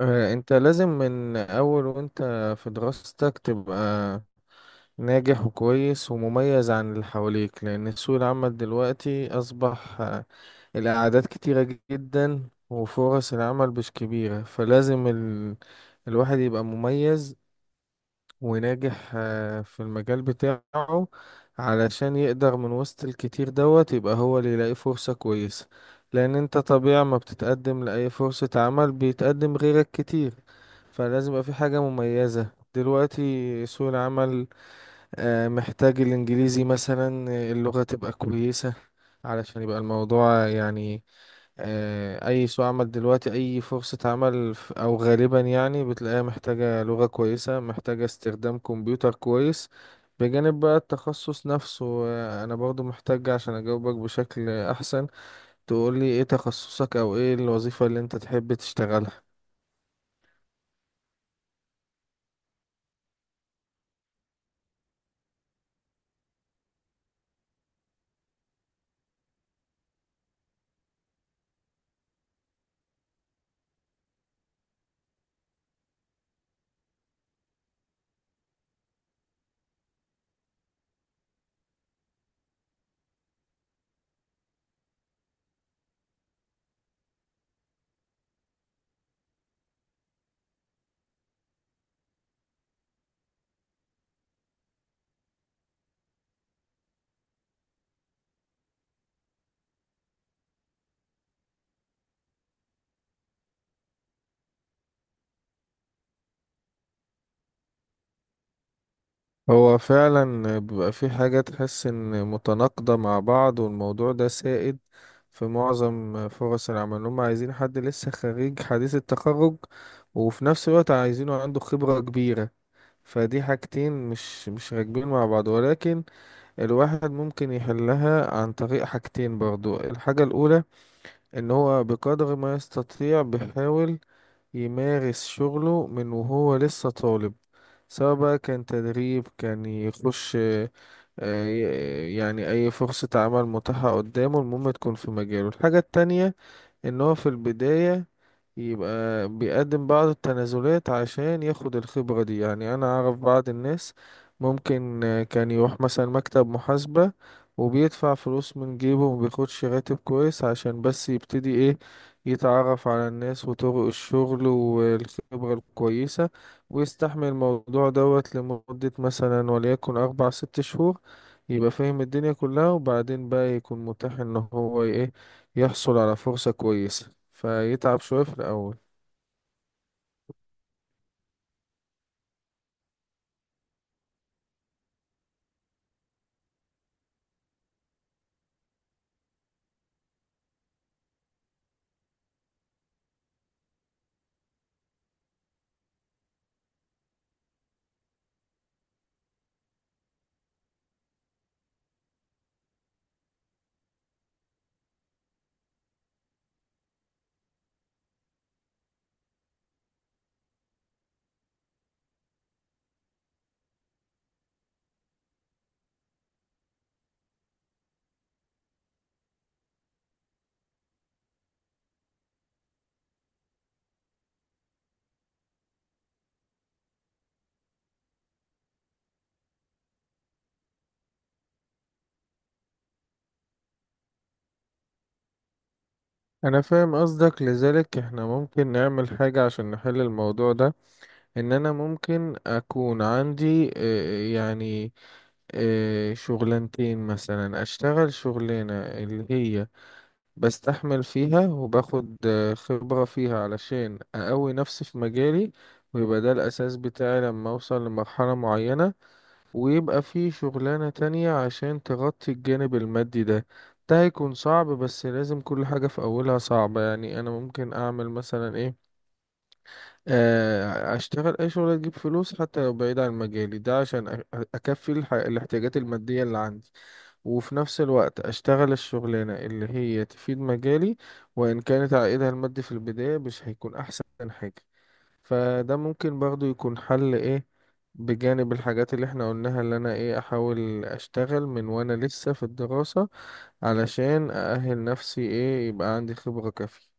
انت لازم من اول وانت في دراستك تبقى ناجح وكويس ومميز عن اللي حواليك، لان سوق العمل دلوقتي اصبح الاعداد كتيرة جدا وفرص العمل مش كبيرة، فلازم الواحد يبقى مميز وناجح في المجال بتاعه علشان يقدر من وسط الكتير دوت يبقى هو اللي يلاقي فرصة كويسة. لأن انت طبيعي ما بتتقدم لأي فرصة عمل بيتقدم غيرك كتير، فلازم يبقى في حاجة مميزة. دلوقتي سوق العمل محتاج الإنجليزي، مثلا اللغة تبقى كويسة علشان يبقى الموضوع يعني اي سوق عمل دلوقتي، اي فرصة عمل او غالبا يعني بتلاقيها محتاجة لغة كويسة، محتاجة استخدام كمبيوتر كويس، بجانب بقى التخصص نفسه. انا برضو محتاج، عشان اجاوبك بشكل احسن، تقولي ايه تخصصك او ايه الوظيفة اللي انت تحب تشتغلها. هو فعلا بيبقى في حاجة تحس ان متناقضة مع بعض، والموضوع ده سائد في معظم فرص العمل. هم عايزين حد لسه خريج حديث التخرج، وفي نفس الوقت عايزينه عنده خبرة كبيرة. فدي حاجتين مش راكبين مع بعض، ولكن الواحد ممكن يحلها عن طريق حاجتين برضو. الحاجة الأولى، ان هو بقدر ما يستطيع بيحاول يمارس شغله من وهو لسه طالب، سواء بقى كان تدريب، كان يخش آه، يعني أي فرصة عمل متاحة قدامه، المهم تكون في مجاله. الحاجة التانية، ان هو في البداية يبقى بيقدم بعض التنازلات عشان ياخد الخبرة دي. يعني انا اعرف بعض الناس ممكن كان يروح مثلا مكتب محاسبة وبيدفع فلوس من جيبه ومبياخدش راتب كويس عشان بس يبتدي ايه، يتعرف على الناس وطرق الشغل والخبرة الكويسة، ويستحمل الموضوع دوت لمدة مثلا وليكن أربع ست شهور، يبقى فاهم الدنيا كلها، وبعدين بقى يكون متاح ان هو ايه، يحصل على فرصة كويسة، فيتعب شوية في الأول. أنا فاهم قصدك، لذلك إحنا ممكن نعمل حاجة عشان نحل الموضوع ده. إن أنا ممكن أكون عندي يعني شغلانتين، مثلا أشتغل شغلانة اللي هي بستحمل فيها وباخد خبرة فيها علشان أقوي نفسي في مجالي، ويبقى ده الأساس بتاعي لما أوصل لمرحلة معينة. ويبقى في شغلانة تانية عشان تغطي الجانب المادي ده. ده هيكون صعب، بس لازم، كل حاجة في أولها صعبة. يعني أنا ممكن أعمل مثلا إيه، أشتغل أي شغلة تجيب فلوس حتى لو بعيد عن مجالي، ده عشان أكفي الاحتياجات المادية اللي عندي، وفي نفس الوقت أشتغل الشغلانة اللي هي تفيد مجالي، وإن كانت عائدها المادي في البداية مش هيكون أحسن حاجة. فده ممكن برضو يكون حل ايه، بجانب الحاجات اللي احنا قلناها، اللي انا ايه احاول اشتغل من وانا لسه في الدراسة علشان اأهل نفسي، ايه يبقى عندي خبرة كافية.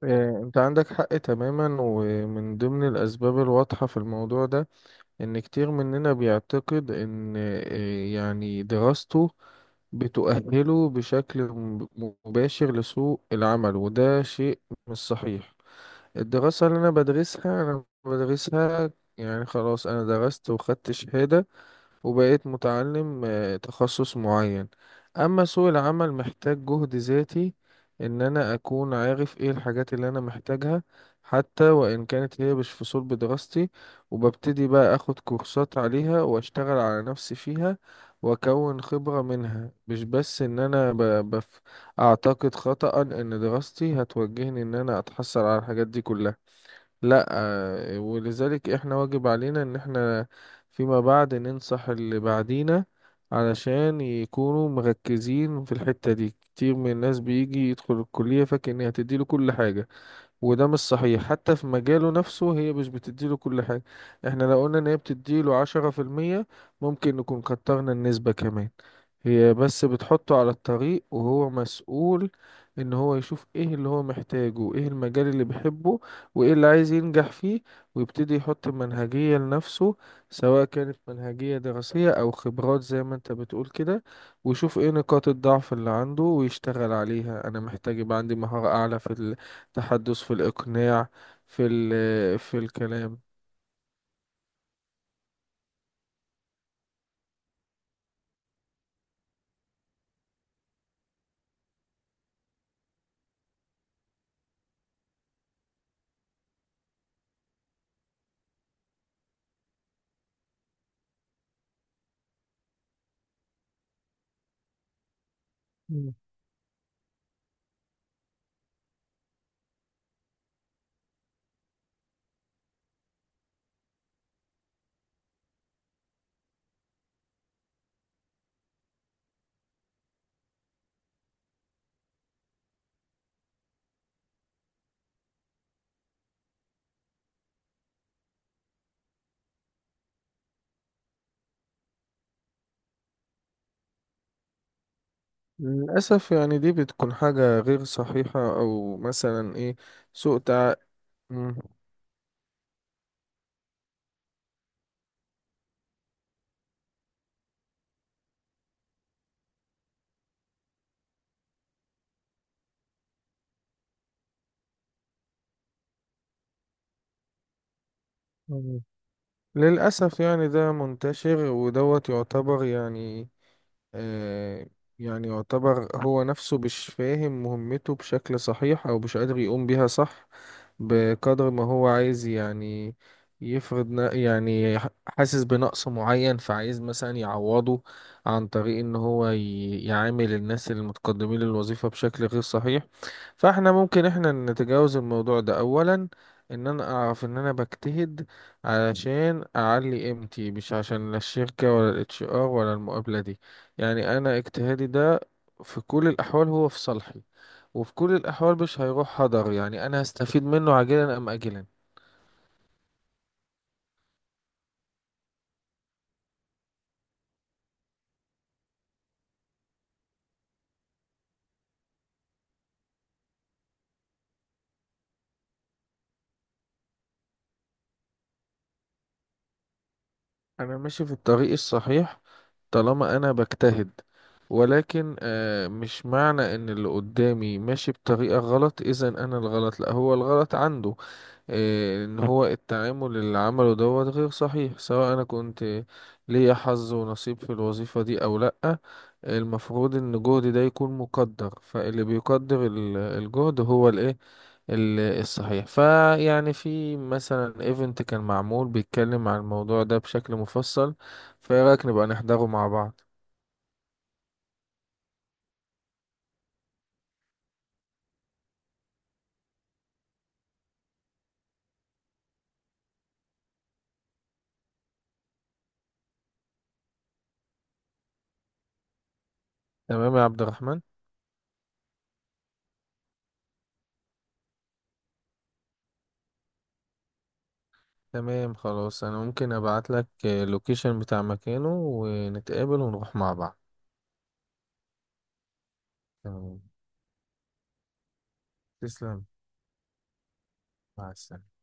إيه، انت عندك حق تماما. ومن ضمن الاسباب الواضحة في الموضوع ده ان كتير مننا بيعتقد ان إيه يعني دراسته بتؤهله بشكل مباشر لسوق العمل، وده شيء مش صحيح. الدراسة اللي أنا بدرسها أنا بدرسها يعني خلاص، أنا درست وخدت شهادة وبقيت متعلم تخصص معين. أما سوق العمل محتاج جهد ذاتي، إن أنا أكون عارف إيه الحاجات اللي أنا محتاجها، حتى وإن كانت هي مش في صلب دراستي، وببتدي بقى أخد كورسات عليها وأشتغل على نفسي فيها وأكون خبرة منها. مش بس إن أنا أعتقد خطأ إن دراستي هتوجهني إن أنا أتحصل على الحاجات دي كلها. لا. ولذلك احنا واجب علينا ان احنا فيما بعد ننصح اللي بعدينا علشان يكونوا مركزين في الحتة دي. كتير من الناس بيجي يدخل الكلية فاكر ان هتديله كل حاجة، وده مش صحيح. حتى في مجاله نفسه هي مش بتديله كل حاجة. احنا لو قلنا ان هي بتديله 10% ممكن نكون كترنا النسبة كمان. هي بس بتحطه على الطريق، وهو مسؤول ان هو يشوف ايه اللي هو محتاجه، ايه المجال اللي بيحبه، وايه اللي عايز ينجح فيه، ويبتدي يحط منهجية لنفسه، سواء كانت منهجية دراسية او خبرات زي ما انت بتقول كده. ويشوف ايه نقاط الضعف اللي عنده ويشتغل عليها. انا محتاج يبقى عندي مهارة اعلى في تحدث، في الإقناع، في ال في الكلام. مم. للأسف يعني دي بتكون حاجة غير صحيحة، أو مثلا إيه، سوء تع... مم. مم. للأسف يعني ده منتشر، ودوت يعتبر يعني آه، يعني يعتبر هو نفسه مش فاهم مهمته بشكل صحيح، أو مش قادر يقوم بيها صح بقدر ما هو عايز. يعني يفرض يعني حاسس بنقص معين فعايز مثلا يعوضه عن طريق ان هو يعامل الناس المتقدمين للوظيفة بشكل غير صحيح. فاحنا ممكن احنا نتجاوز الموضوع ده. اولا ان انا اعرف ان انا بجتهد علشان اعلي قيمتي، مش عشان لا الشركة، ولا الاتش ار، ولا المقابلة دي. يعني انا اجتهادي ده في كل الاحوال هو في صالحي، وفي كل الاحوال مش هيروح هدر، يعني انا هستفيد منه عاجلا ام اجلا. انا ماشي في الطريق الصحيح طالما انا بجتهد. ولكن مش معنى ان اللي قدامي ماشي بطريقة غلط اذا انا الغلط، لا، هو الغلط عنده. إيه، ان هو التعامل اللي عمله دوت غير صحيح، سواء انا كنت ليا حظ ونصيب في الوظيفة دي او لأ، المفروض ان جهدي ده يكون مقدر. فاللي بيقدر الجهد هو الايه الصحيح. فيعني في مثلا ايفنت كان معمول بيتكلم عن الموضوع ده بشكل مفصل، فايه رأيك نبقى نحضره مع بعض؟ تمام يا عبد الرحمن؟ تمام، خلاص، انا ممكن ابعت لك اللوكيشن بتاع مكانه ونتقابل ونروح مع بعض. تمام، تسلم. مع السلامة.